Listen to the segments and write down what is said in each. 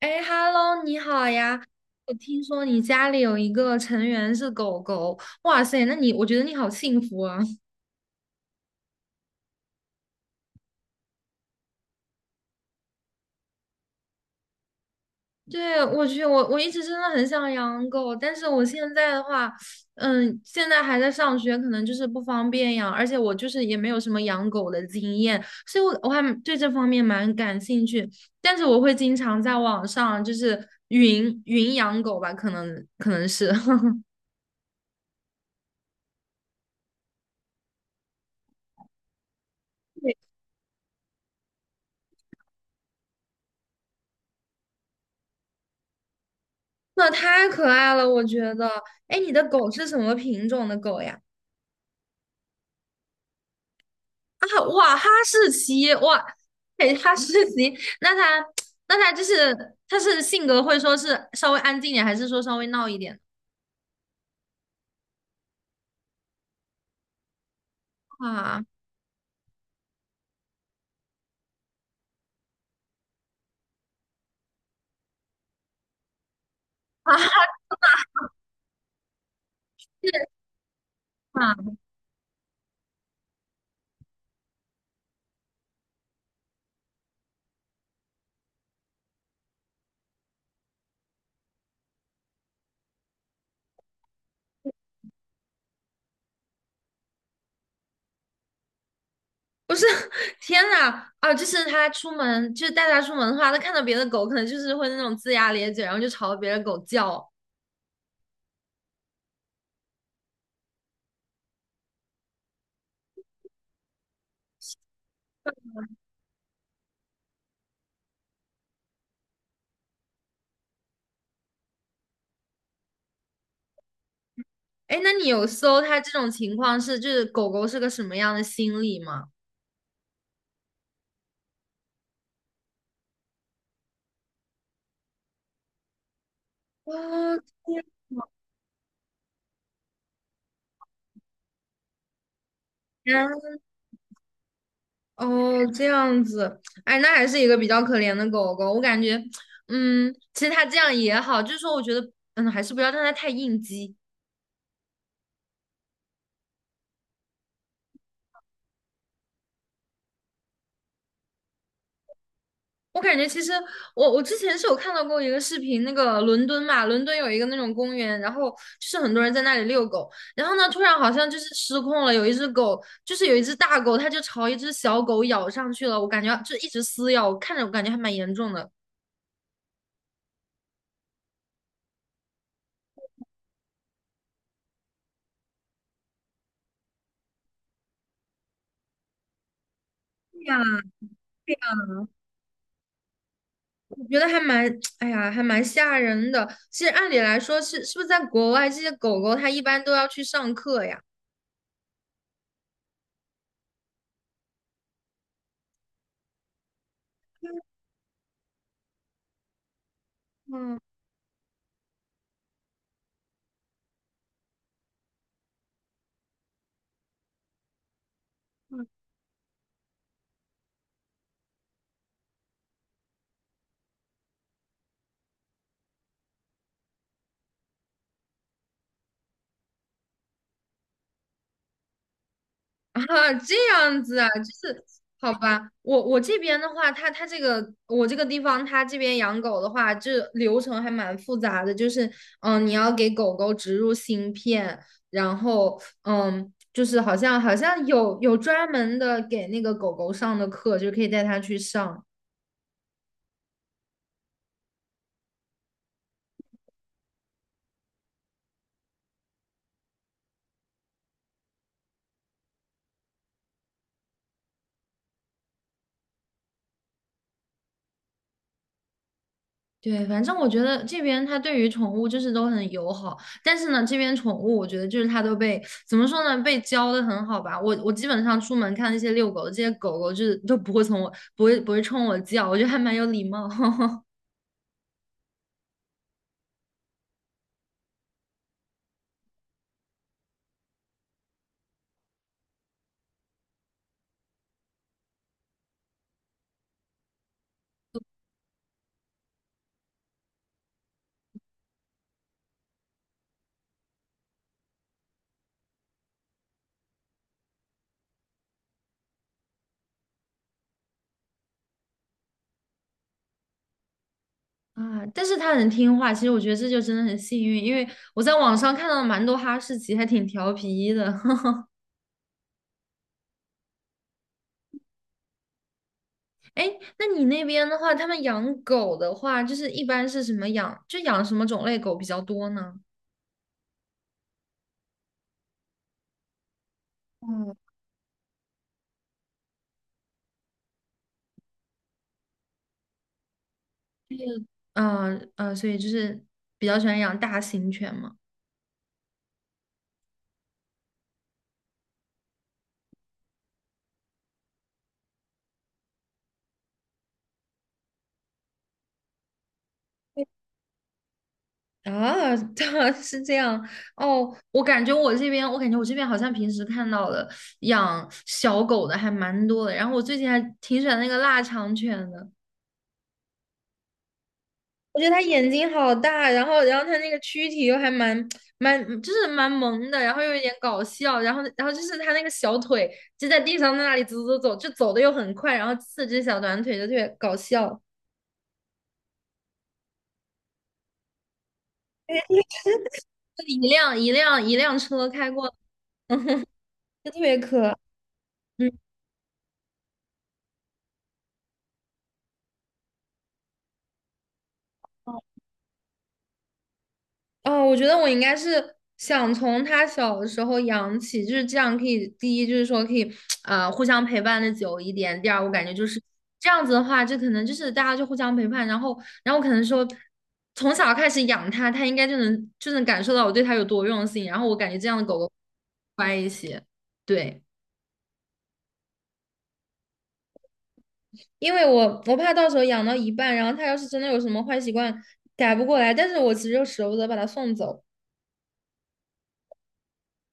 哎，Hello，你好呀！我听说你家里有一个成员是狗狗，哇塞，那你我觉得你好幸福啊！对，我去，我一直真的很想养狗，但是我现在的话，嗯，现在还在上学，可能就是不方便养，而且我就是也没有什么养狗的经验，所以我还蛮对这方面蛮感兴趣，但是我会经常在网上就是云养狗吧，可能是。那太可爱了，我觉得。哎，你的狗是什么品种的狗呀？啊，哇，哈士奇，哇，哎，哈士奇，那它，那它就是，它是性格会说是稍微安静一点，还是说稍微闹一点？啊啊，啊，不是，天呐，啊，就是它出门，就是带它出门的话，它看到别的狗，可能就是会那种龇牙咧嘴，然后就朝别的狗叫。哎，那你有搜它这种情况是，就是狗狗是个什么样的心理吗？哦，天。哦，这样子，哎，那还是一个比较可怜的狗狗。我感觉，嗯，其实它这样也好，就是说，我觉得，嗯，还是不要让它太应激。我感觉其实我之前是有看到过一个视频，那个伦敦嘛，伦敦有一个那种公园，然后就是很多人在那里遛狗，然后呢，突然好像就是失控了，有一只狗，就是有一只大狗，它就朝一只小狗咬上去了，我感觉就一直撕咬，我看着我感觉还蛮严重的。我觉得还蛮，哎呀，还蛮吓人的。其实按理来说是，是不是在国外这些狗狗它一般都要去上课呀？嗯，啊，这样子啊，就是好吧。我这边的话，它这个我这个地方，它这边养狗的话，这流程还蛮复杂的。就是嗯，你要给狗狗植入芯片，然后嗯，就是好像有专门的给那个狗狗上的课，就可以带它去上。对，反正我觉得这边它对于宠物就是都很友好，但是呢，这边宠物我觉得就是它都被怎么说呢，被教的很好吧。我基本上出门看那些遛狗的这些狗狗，就是都不会从我不会冲我叫，我觉得还蛮有礼貌 啊。但是它很听话，其实我觉得这就真的很幸运，因为我在网上看到了蛮多哈士奇，还挺调皮的。哎那你那边的话，他们养狗的话，就是一般是什么养，就养什么种类狗比较多呢？嗯嗯，所以就是比较喜欢养大型犬嘛。啊，对啊是这样哦。我感觉我这边，我感觉我这边好像平时看到的养小狗的还蛮多的。然后我最近还挺喜欢那个腊肠犬的，我觉得它眼睛好大，然后它那个躯体又还蛮就是蛮萌的，然后又有一点搞笑，然后就是它那个小腿就在地上在那里走走走，就走的又很快，然后四只小短腿就特别搞笑。一辆一辆一辆车开过。就特别可爱嗯，哦，我觉得我应该是想从它小的时候养起，就是这样可以，第一就是说可以啊，呃，互相陪伴的久一点。第二，我感觉就是这样子的话，就可能就是大家就互相陪伴，然后，然后可能说从小开始养它，它应该就能就能感受到我对它有多用心。然后我感觉这样的狗狗乖一些，对。因为我怕到时候养到一半，然后它要是真的有什么坏习惯改不过来，但是我其实又舍不得把它送走，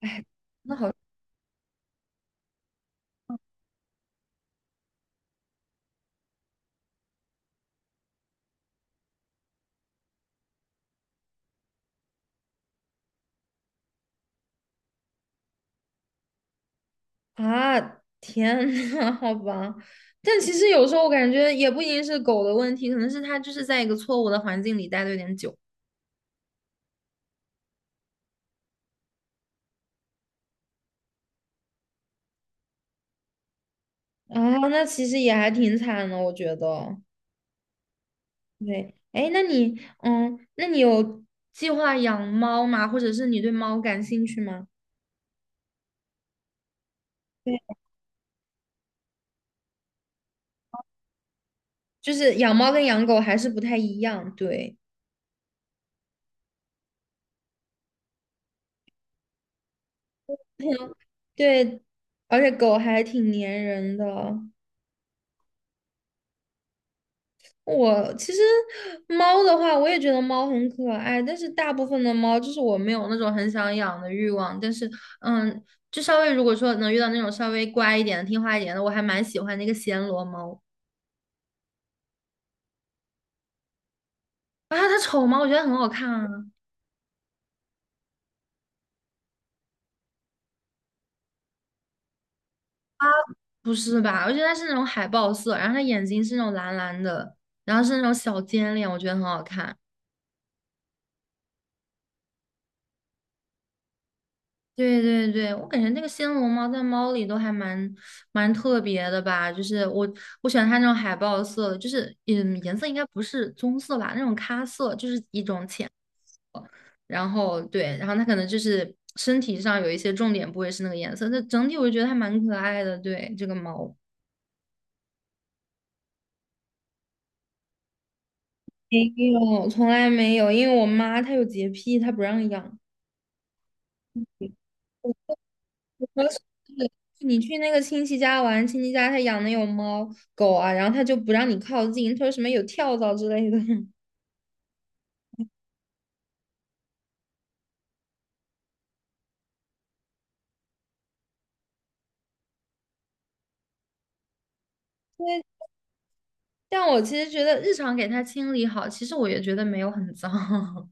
哎，那好。啊，天呐，好吧，但其实有时候我感觉也不一定是狗的问题，可能是它就是在一个错误的环境里待的有点久啊，那其实也还挺惨的，我觉得。对，哎，那你，嗯，那你有计划养猫吗？或者是你对猫感兴趣吗？对，就是养猫跟养狗还是不太一样，对，对，而且狗还挺粘人的。我其实猫的话，我也觉得猫很可爱，但是大部分的猫就是我没有那种很想养的欲望，但是嗯，就稍微如果说能遇到那种稍微乖一点的、听话一点的，我还蛮喜欢那个暹罗猫啊，它丑吗？我觉得很好看啊，不是吧？我觉得它是那种海豹色，然后它眼睛是那种蓝蓝的，然后是那种小尖脸，我觉得很好看。对对对，我感觉那个暹罗猫在猫里都还蛮特别的吧，就是我喜欢它那种海豹色的就是嗯颜色应该不是棕色吧，那种咖色就是一种浅，然后对，然后它可能就是身体上有一些重点部位是那个颜色，但整体我就觉得它蛮可爱的，对这个猫。没有，从来没有，因为我妈她有洁癖，她不让养。你去那个亲戚家玩，亲戚家他养的有猫狗啊，然后他就不让你靠近，他说什么有跳蚤之类的。对，但我其实觉得日常给它清理好，其实我也觉得没有很脏。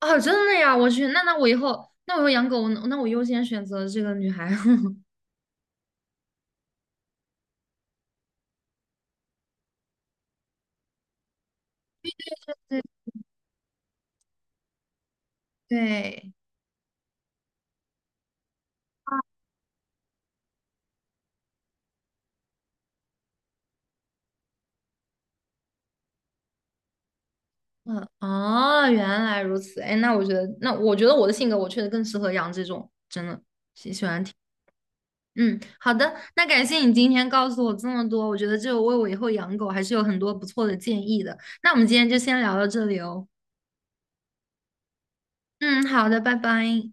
哦，真的呀，我去，那那我以后，那我以后养狗，那我优先选择这个女孩。对，嗯，哦，原来如此。哎，那我觉得，那我觉得我的性格，我确实更适合养这种，真的。嗯，好的，那感谢你今天告诉我这么多，我觉得这为我以后养狗还是有很多不错的建议的。那我们今天就先聊到这里哦。嗯，好的，拜拜。